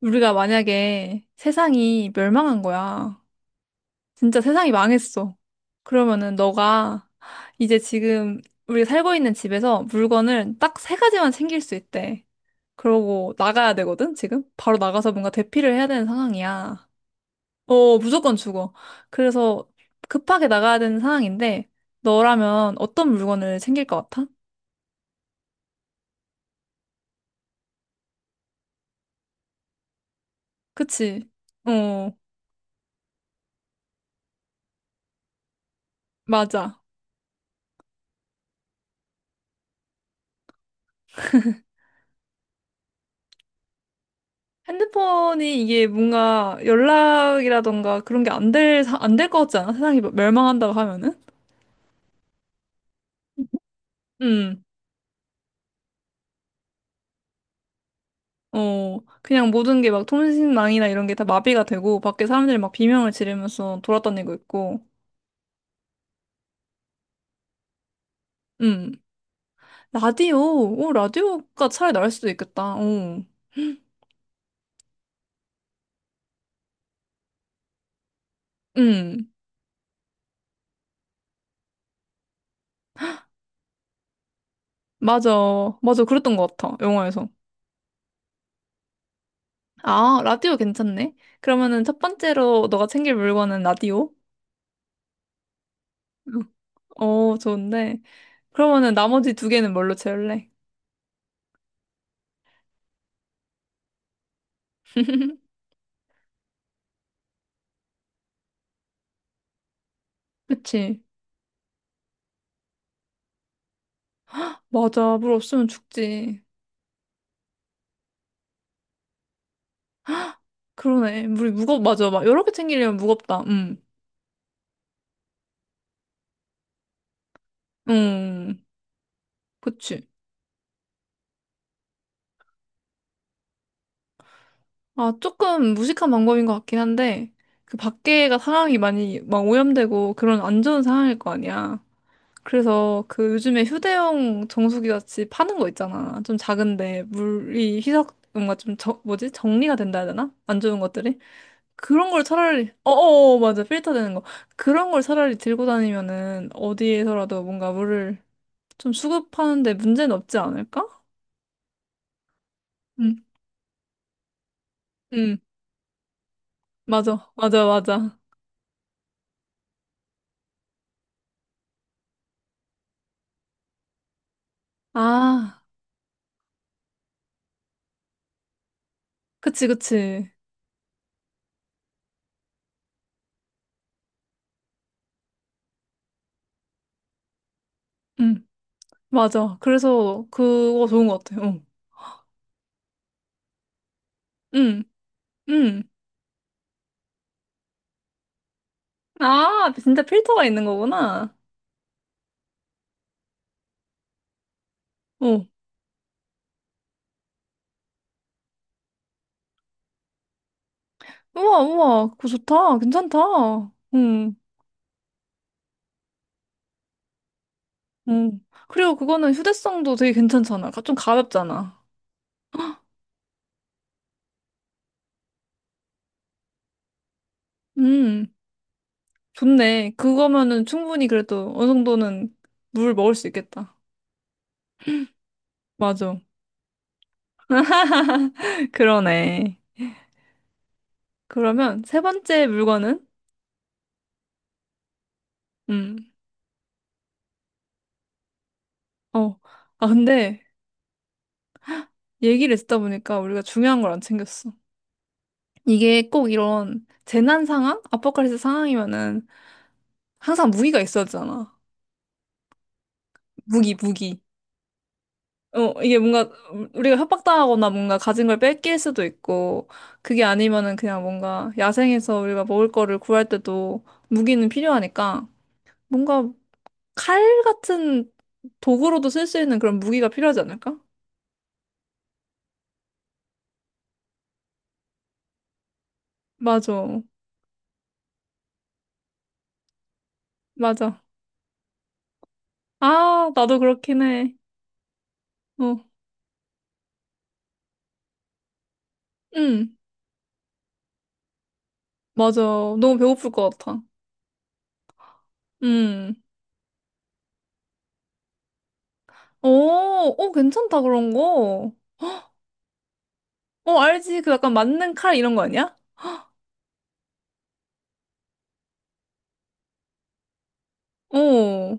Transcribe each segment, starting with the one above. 우리가 만약에 세상이 멸망한 거야. 진짜 세상이 망했어. 그러면은 너가 이제 지금 우리 살고 있는 집에서 물건을 딱 세 가지만 챙길 수 있대. 그러고 나가야 되거든, 지금? 바로 나가서 뭔가 대피를 해야 되는 상황이야. 어, 무조건 죽어. 그래서 급하게 나가야 되는 상황인데, 너라면 어떤 물건을 챙길 것 같아? 그치? 어, 맞아. 핸드폰이 이게 뭔가 연락이라던가 그런 게 안 될 것 같지 않아? 세상이 막 멸망한다고 하면은? 음, 어, 그냥 모든 게 막 통신망이나 이런 게 다 마비가 되고, 밖에 사람들이 막 비명을 지르면서 돌아다니고 있고, 음, 라디오, 오, 라디오가 차라리 나을 수도 있겠다, 어, 음, 맞아, 맞아, 그랬던 것 같아, 영화에서. 아, 라디오 괜찮네? 그러면은 첫 번째로 너가 챙길 물건은 라디오? 어, 좋은데. 그러면은 나머지 두 개는 뭘로 채울래? 그치? 맞아. 물 없으면 죽지. 그러네. 물이 무겁, 맞아. 막 여러 개 챙기려면 무겁다. 음. 음. 그치. 아, 조금 무식한 방법인 것 같긴 한데, 그 밖에가 상황이 많이 막 오염되고 그런 안 좋은 상황일 거 아니야. 그래서 그 요즘에 휴대용 정수기 같이 파는 거 있잖아. 좀 작은데 물이 희석, 뭔가 좀 저, 뭐지? 정리가 된다 해야 되나? 안 좋은 것들이? 그런 걸 차라리 어어 맞아 필터 되는 거 그런 걸 차라리 들고 다니면은 어디에서라도 뭔가 물을 좀 수급하는데 문제는 없지 않을까? 응, 응, 맞아, 맞아, 맞아. 아, 그치, 그치. 응, 맞아. 그래서 그거 좋은 것 같아. 어. 응, 응. 아, 진짜 필터가 있는 거구나. 어, 우와, 우와, 그거 좋다. 괜찮다. 응, 응. 그리고 그거는 휴대성도 되게 괜찮잖아. 좀 가볍잖아. 음. 좋네. 그거면은 충분히 그래도 어느 정도는 물 먹을 수 있겠다. 맞아. 그러네. 그러면 세 번째 물건은? 음. 어. 아, 근데 얘기를 듣다 보니까 우리가 중요한 걸 안 챙겼어. 이게 꼭 이런 재난 상황? 아포칼립스 상황이면은 항상 무기가 있어야 되잖아. 무기, 무기. 어, 이게 뭔가 우리가 협박당하거나 뭔가 가진 걸 뺏길 수도 있고, 그게 아니면은 그냥 뭔가 야생에서 우리가 먹을 거를 구할 때도 무기는 필요하니까 뭔가 칼 같은 도구로도 쓸 수 있는 그런 무기가 필요하지 않을까? 맞아. 맞아. 아, 나도 그렇긴 해. 어. 응. 맞아. 너무 배고플 것 같아. 응. 오, 오, 괜찮다, 그런 거. 어, 알지. 그 약간 맞는 칼 이런 거 아니야? 어.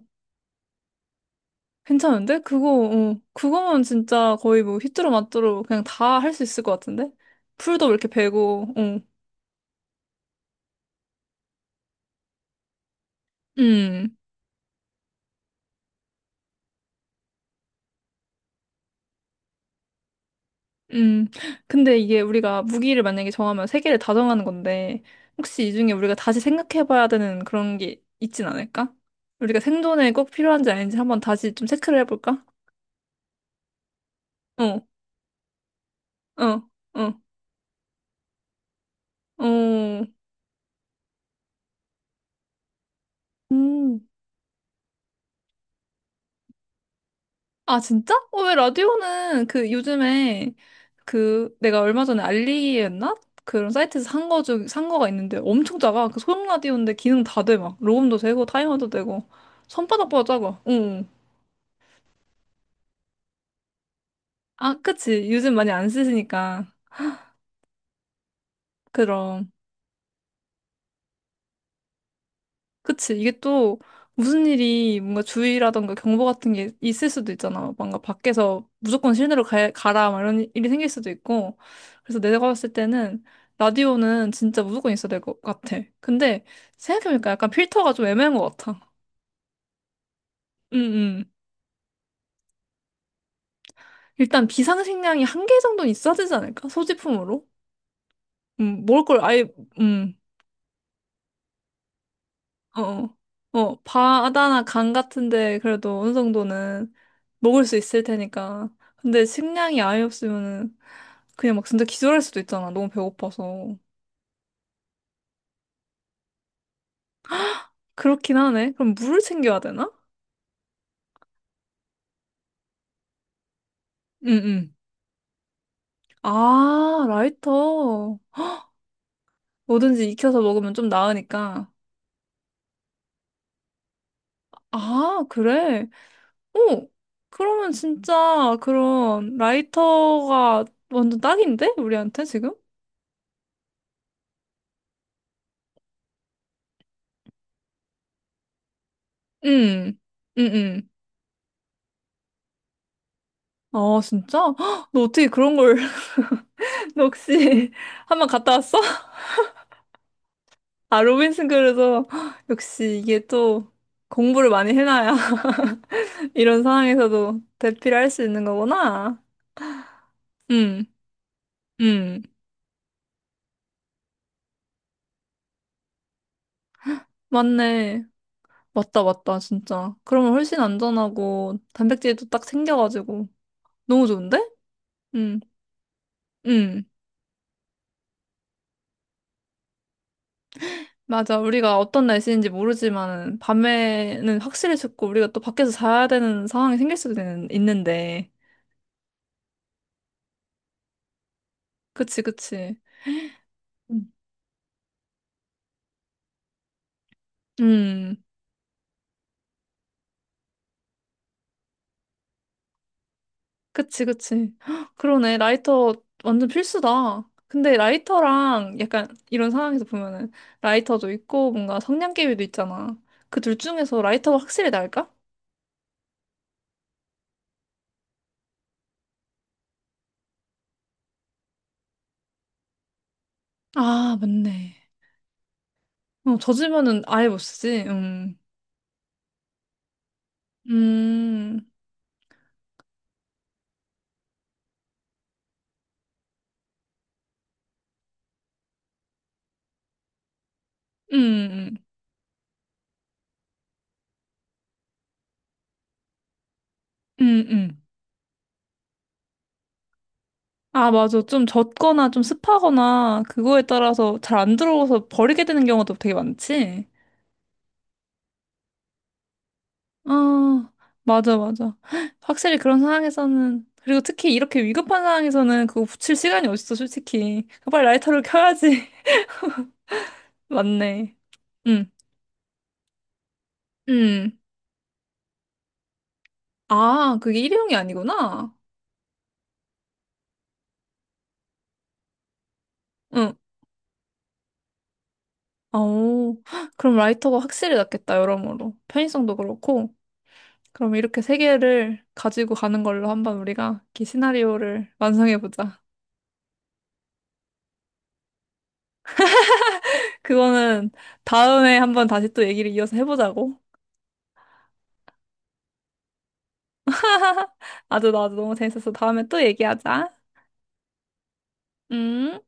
괜찮은데? 그거, 어. 그거면 진짜 거의 뭐 휘뚜루마뚜루 그냥 다 할 수 있을 것 같은데? 풀도 이렇게 베고, 어. 음. 음, 근데 이게 우리가 무기를 만약에 정하면 세 개를 다 정하는 건데, 혹시 이 중에 우리가 다시 생각해봐야 되는 그런 게 있진 않을까? 우리가 생존에 꼭 필요한지 아닌지 한번 다시 좀 체크를 해볼까? 어, 어, 어, 어, 음. 아, 진짜? 어, 왜 라디오는 그 요즘에 그 내가 얼마 전에 알리기였나? 그런 사이트에서 산 거가 있는데 엄청 작아. 그 소형 라디오인데 기능 다 돼, 막. 로음도 되고, 타이머도 되고. 손바닥보다 작아. 어. 아, 그치. 요즘 많이 안 쓰시니까. 그럼. 그치. 이게 또 무슨 일이 뭔가 주의라던가 경보 같은 게 있을 수도 있잖아. 뭔가 밖에서 무조건 실내로 가라. 막 이런 일이 생길 수도 있고. 그래서 내가 봤을 때는 라디오는 진짜 무조건 있어야 될 것 같아. 근데 생각해보니까 약간 필터가 좀 애매한 것 같아. 응, 응. 일단 비상식량이 한 개 정도는 있어야 되지 않을까? 소지품으로? 먹을 걸 아예, 음. 어, 어, 어, 바다나 강 같은데 그래도 어느 정도는 먹을 수 있을 테니까. 근데 식량이 아예 없으면은 그냥 막 진짜 기절할 수도 있잖아. 너무 배고파서. 그렇긴 하네. 그럼 물을 챙겨야 되나? 응, 응. 아, 라이터. 뭐든지 익혀서 먹으면 좀 나으니까. 아, 그래. 오, 그러면 진짜 그런 라이터가 완전 딱인데? 우리한테 지금? 응, 응, 응. 아, 진짜? 헉, 너 어떻게 그런 걸, 너 혹시 한 번 갔다 왔어? 아, 로빈슨 그루소. 헉, 역시 이게 또 공부를 많이 해놔야 이런 상황에서도 대피를 할 수 있는 거구나. 응, 응. 맞네. 맞다, 맞다, 진짜. 그러면 훨씬 안전하고 단백질도 딱 생겨가지고 너무 좋은데? 응, 응. 맞아. 우리가 어떤 날씨인지 모르지만 밤에는 확실히 춥고 우리가 또 밖에서 자야 되는 상황이 있는데. 그치, 그치. 음, 음, 그치, 그치. 헉, 그러네. 라이터 완전 필수다. 근데 라이터랑 약간 이런 상황에서 보면은 라이터도 있고 뭔가 성냥개비도 있잖아. 그 둘 중에서 라이터가 확실히 나을까? 아, 맞네. 어, 젖으면은 아예 못 쓰지. 음, 음, 음, 음. 음. 음. 아, 맞아. 좀 젖거나 좀 습하거나 그거에 따라서 잘 안 들어오서 버리게 되는 경우도 되게 많지. 아, 맞아, 맞아. 확실히 그런 상황에서는, 그리고 특히 이렇게 위급한 상황에서는 그거 붙일 시간이 어딨어, 솔직히. 빨리 라이터를 켜야지. 맞네. 응, 응. 아, 그게 일회용이 아니구나. 응. 아오 그럼 라이터가 확실히 낫겠다, 여러모로. 편의성도 그렇고. 그럼 이렇게 세 개를 가지고 가는 걸로 한번 우리가 이 시나리오를 완성해보자. 그거는 다음에 한번 다시 또 얘기를 이어서 해보자고. 아주 나도 너무 재밌어서 다음에 또 얘기하자. 음,